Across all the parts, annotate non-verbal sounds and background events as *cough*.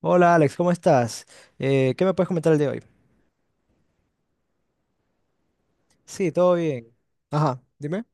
Hola Alex, ¿cómo estás? ¿Qué me puedes comentar el de hoy? Sí, todo bien. Ajá, dime.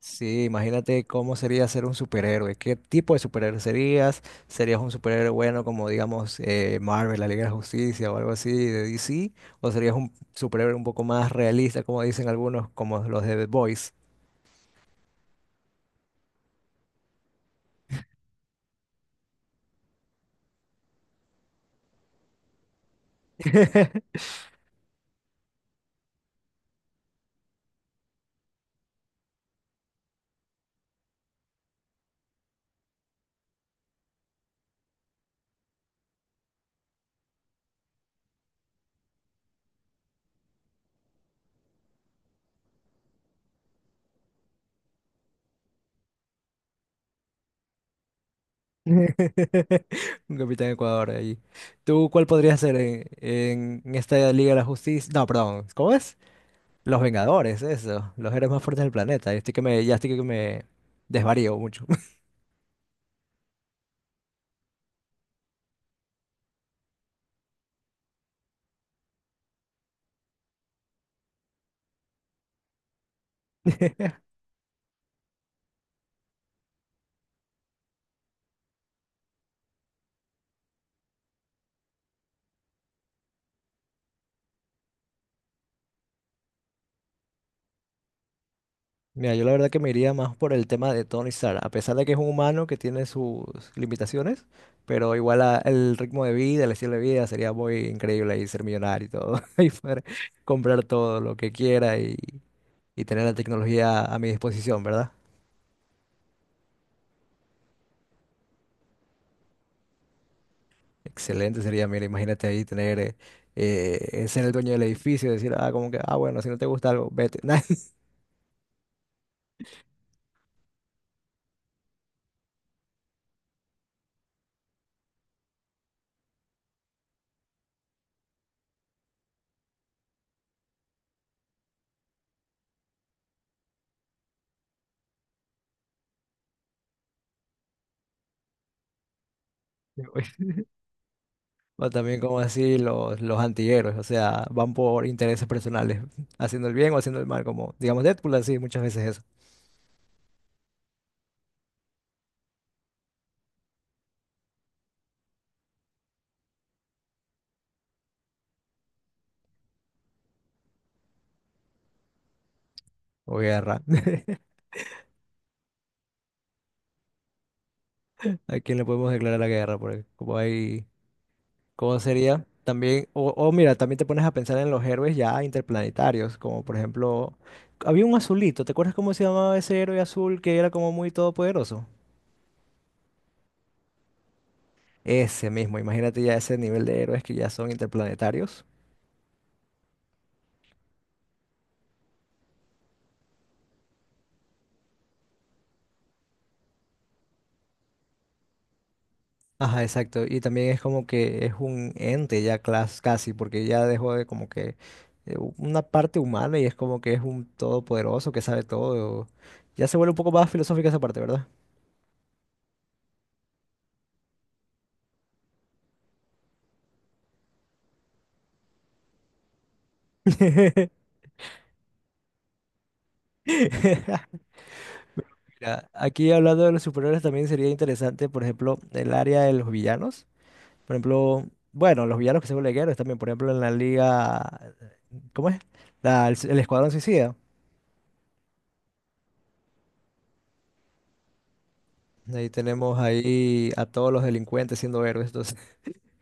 Sí, imagínate cómo sería ser un superhéroe. ¿Qué tipo de superhéroe serías? ¿Serías un superhéroe bueno como, digamos, Marvel, la Liga de la Justicia o algo así de DC? ¿O serías un superhéroe un poco más realista, como dicen algunos, como los de The Boys? *laughs* Un Capitán Ecuador ahí. ¿Tú cuál podrías ser en esta Liga de la Justicia? No, perdón, ¿cómo es? Los Vengadores, eso. Los héroes más fuertes del planeta. Yo estoy que me, ya estoy que me desvarío mucho. *laughs* Mira, yo la verdad que me iría más por el tema de Tony Stark, a pesar de que es un humano que tiene sus limitaciones, pero el ritmo de vida, el estilo de vida sería muy increíble y ser millonario y todo, *laughs* y poder comprar todo lo que quiera y tener la tecnología a mi disposición, ¿verdad? Excelente sería, mira, imagínate ahí tener, ser el dueño del edificio, decir, ah, como que, ah, bueno, si no te gusta algo, vete. *laughs* Me voy. O también como así los antihéroes, o sea, van por intereses personales, haciendo el bien o haciendo el mal, como digamos Deadpool, así muchas veces eso. O guerra. *laughs* ¿A quién le podemos declarar la guerra? Porque como hay, ¿cómo sería? También, o mira, también te pones a pensar en los héroes ya interplanetarios, como por ejemplo, había un azulito, ¿te acuerdas cómo se llamaba ese héroe azul que era como muy todopoderoso? Ese mismo, imagínate ya ese nivel de héroes que ya son interplanetarios. Ajá, exacto. Y también es como que es un ente ya casi, porque ya dejó de como que una parte humana y es como que es un todopoderoso que sabe todo. Ya se vuelve un poco más filosófica esa parte, ¿verdad? *laughs* Mira, aquí hablando de los superhéroes también sería interesante, por ejemplo, el área de los villanos. Por ejemplo, bueno, los villanos que se vuelven héroes también, por ejemplo, en la liga, ¿cómo es? El Escuadrón Suicida. Ahí tenemos ahí a todos los delincuentes siendo héroes.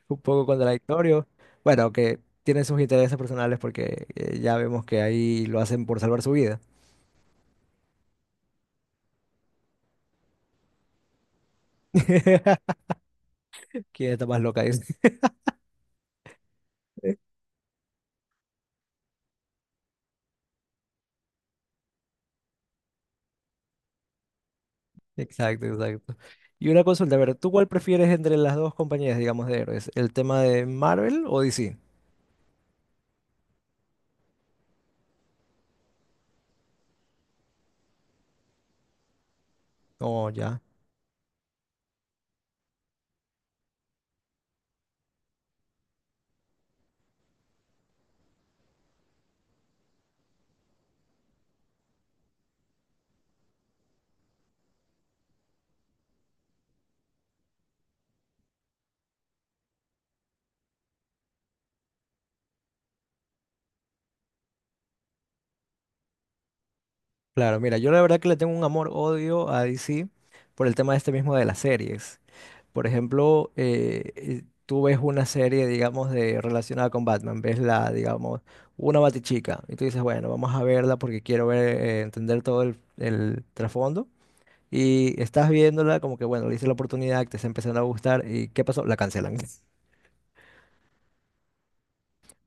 Un poco contradictorio. Bueno, que tiene sus intereses personales porque ya vemos que ahí lo hacen por salvar su vida. *laughs* ¿Quién está más loca? Dice. *laughs* Exacto, exacto. Y una consulta, a ver, ¿tú cuál prefieres entre las dos compañías, digamos, de héroes? ¿El tema de Marvel o DC? Oh, ya. Claro, mira, yo la verdad que le tengo un amor-odio a DC por el tema este mismo de las series. Por ejemplo, tú ves una serie, digamos, de relacionada con Batman, ves la, digamos, una Batichica, y tú dices, bueno, vamos a verla porque quiero ver, entender todo el trasfondo. Y estás viéndola como que, bueno, le hice la oportunidad, te está empezando a gustar, ¿y qué pasó? La cancelan.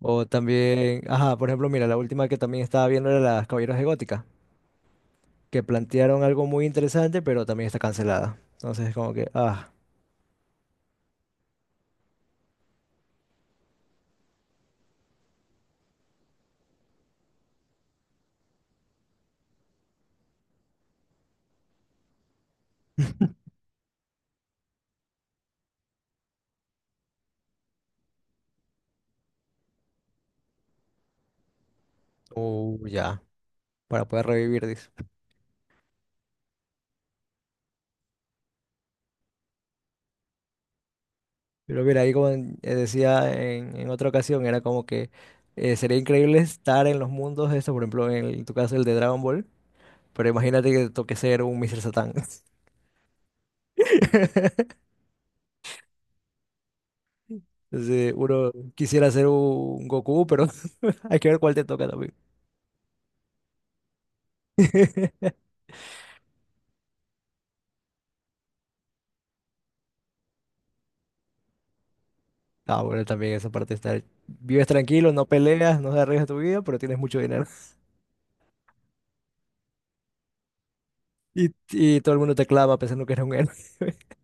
O también, ajá, por ejemplo, mira, la última que también estaba viendo era Las Caballeros de Gótica, que plantearon algo muy interesante, pero también está cancelada. Entonces es como que, ah, ya, para poder revivir, dice. Pero mira, ahí decía en otra ocasión, era como que sería increíble estar en los mundos estos, por ejemplo, en tu caso el de Dragon Ball, pero imagínate que te toque ser un Mr. Satan. *laughs* Entonces, uno quisiera ser un Goku, pero *laughs* hay que ver cuál te toca también. *laughs* Ah, bueno, también esa parte está... Vives tranquilo, no peleas, no arriesgas tu vida, pero tienes mucho dinero. *laughs* Y todo el mundo te clama pensando que eres un héroe. *laughs*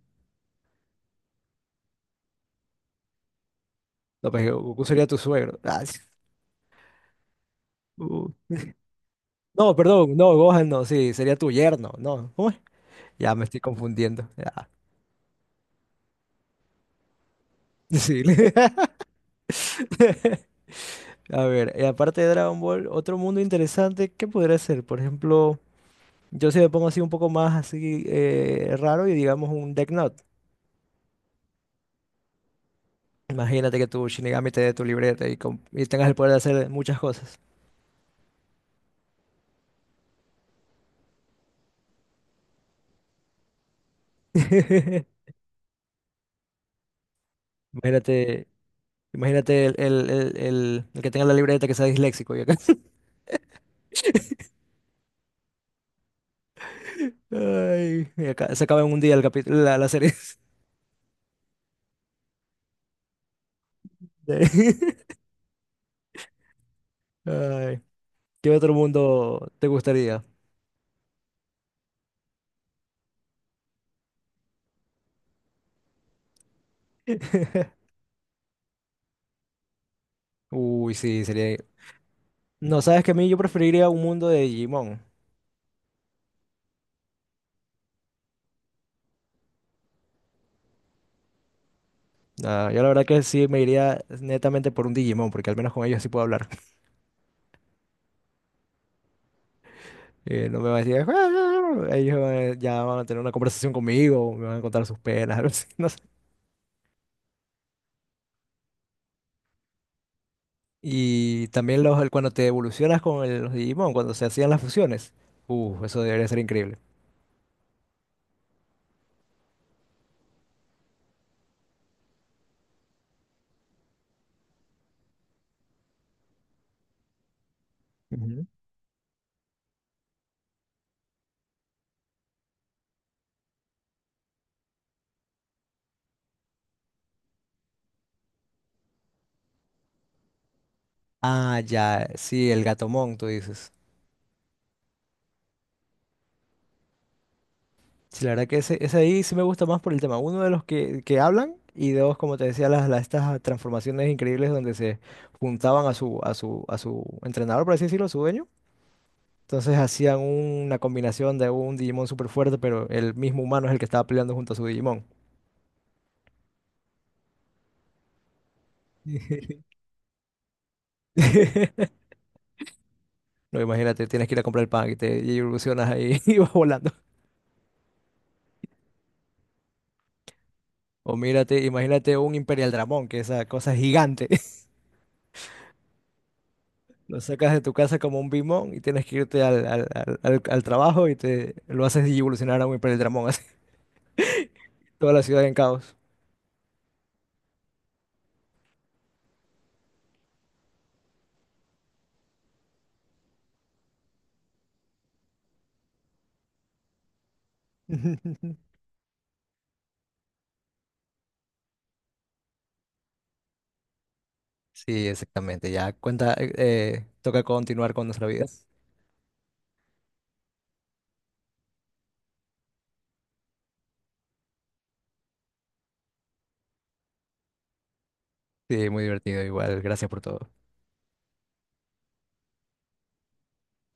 No, pues Goku sería tu suegro. *laughs* Ah, sí. Uh. No, perdón, no, Gohan no, sí, sería tu yerno, no. ¿Cómo es? Ya me estoy confundiendo. Ya. *laughs* Sí. *laughs* A ver, aparte de Dragon Ball, otro mundo interesante, ¿qué podría ser? Por ejemplo, yo si me pongo así un poco más así raro y digamos un Death Note. Imagínate que tu Shinigami te dé tu libreta y tengas el poder de hacer muchas cosas. *laughs* Imagínate, imagínate el que tenga la libreta que sea disléxico y acá. *laughs* Ay, y acá se acaba en un día el capítulo, la serie. *laughs* Sí. Ay, ¿qué otro mundo te gustaría? *laughs* Uy, sí, sería... No, sabes que a mí yo preferiría un mundo de Digimon. Ah, yo la verdad que sí me iría netamente por un Digimon, porque al menos con ellos sí puedo hablar. No me van a decir... *laughs* "Ah", ya van a tener una conversación conmigo, me van a contar sus penas, *laughs* algo así, no sé. Y también cuando te evolucionas con los Digimon, cuando se hacían las fusiones. Eso debería ser increíble. Ujú. Ah, ya, sí, el Gatomon, tú dices. Sí, la verdad que ese ahí sí me gusta más por el tema. Uno de los que hablan y dos, como te decía, estas transformaciones increíbles donde se juntaban a su entrenador, por así decirlo, a su dueño. Entonces hacían una combinación de un Digimon súper fuerte, pero el mismo humano es el que estaba peleando junto a su Digimon. *laughs* No, imagínate, tienes que ir a comprar el pan y evolucionas ahí *laughs* y vas volando. O mírate, imagínate un Imperial Dramón, que esa cosa es gigante. Lo sacas de tu casa como un bimón y tienes que irte al trabajo y te lo haces evolucionar a un hipereldramón, así. *laughs* Toda la ciudad en caos. *laughs* Sí, exactamente. Ya cuenta, toca continuar con nuestra vida. Sí, muy divertido igual. Gracias por todo.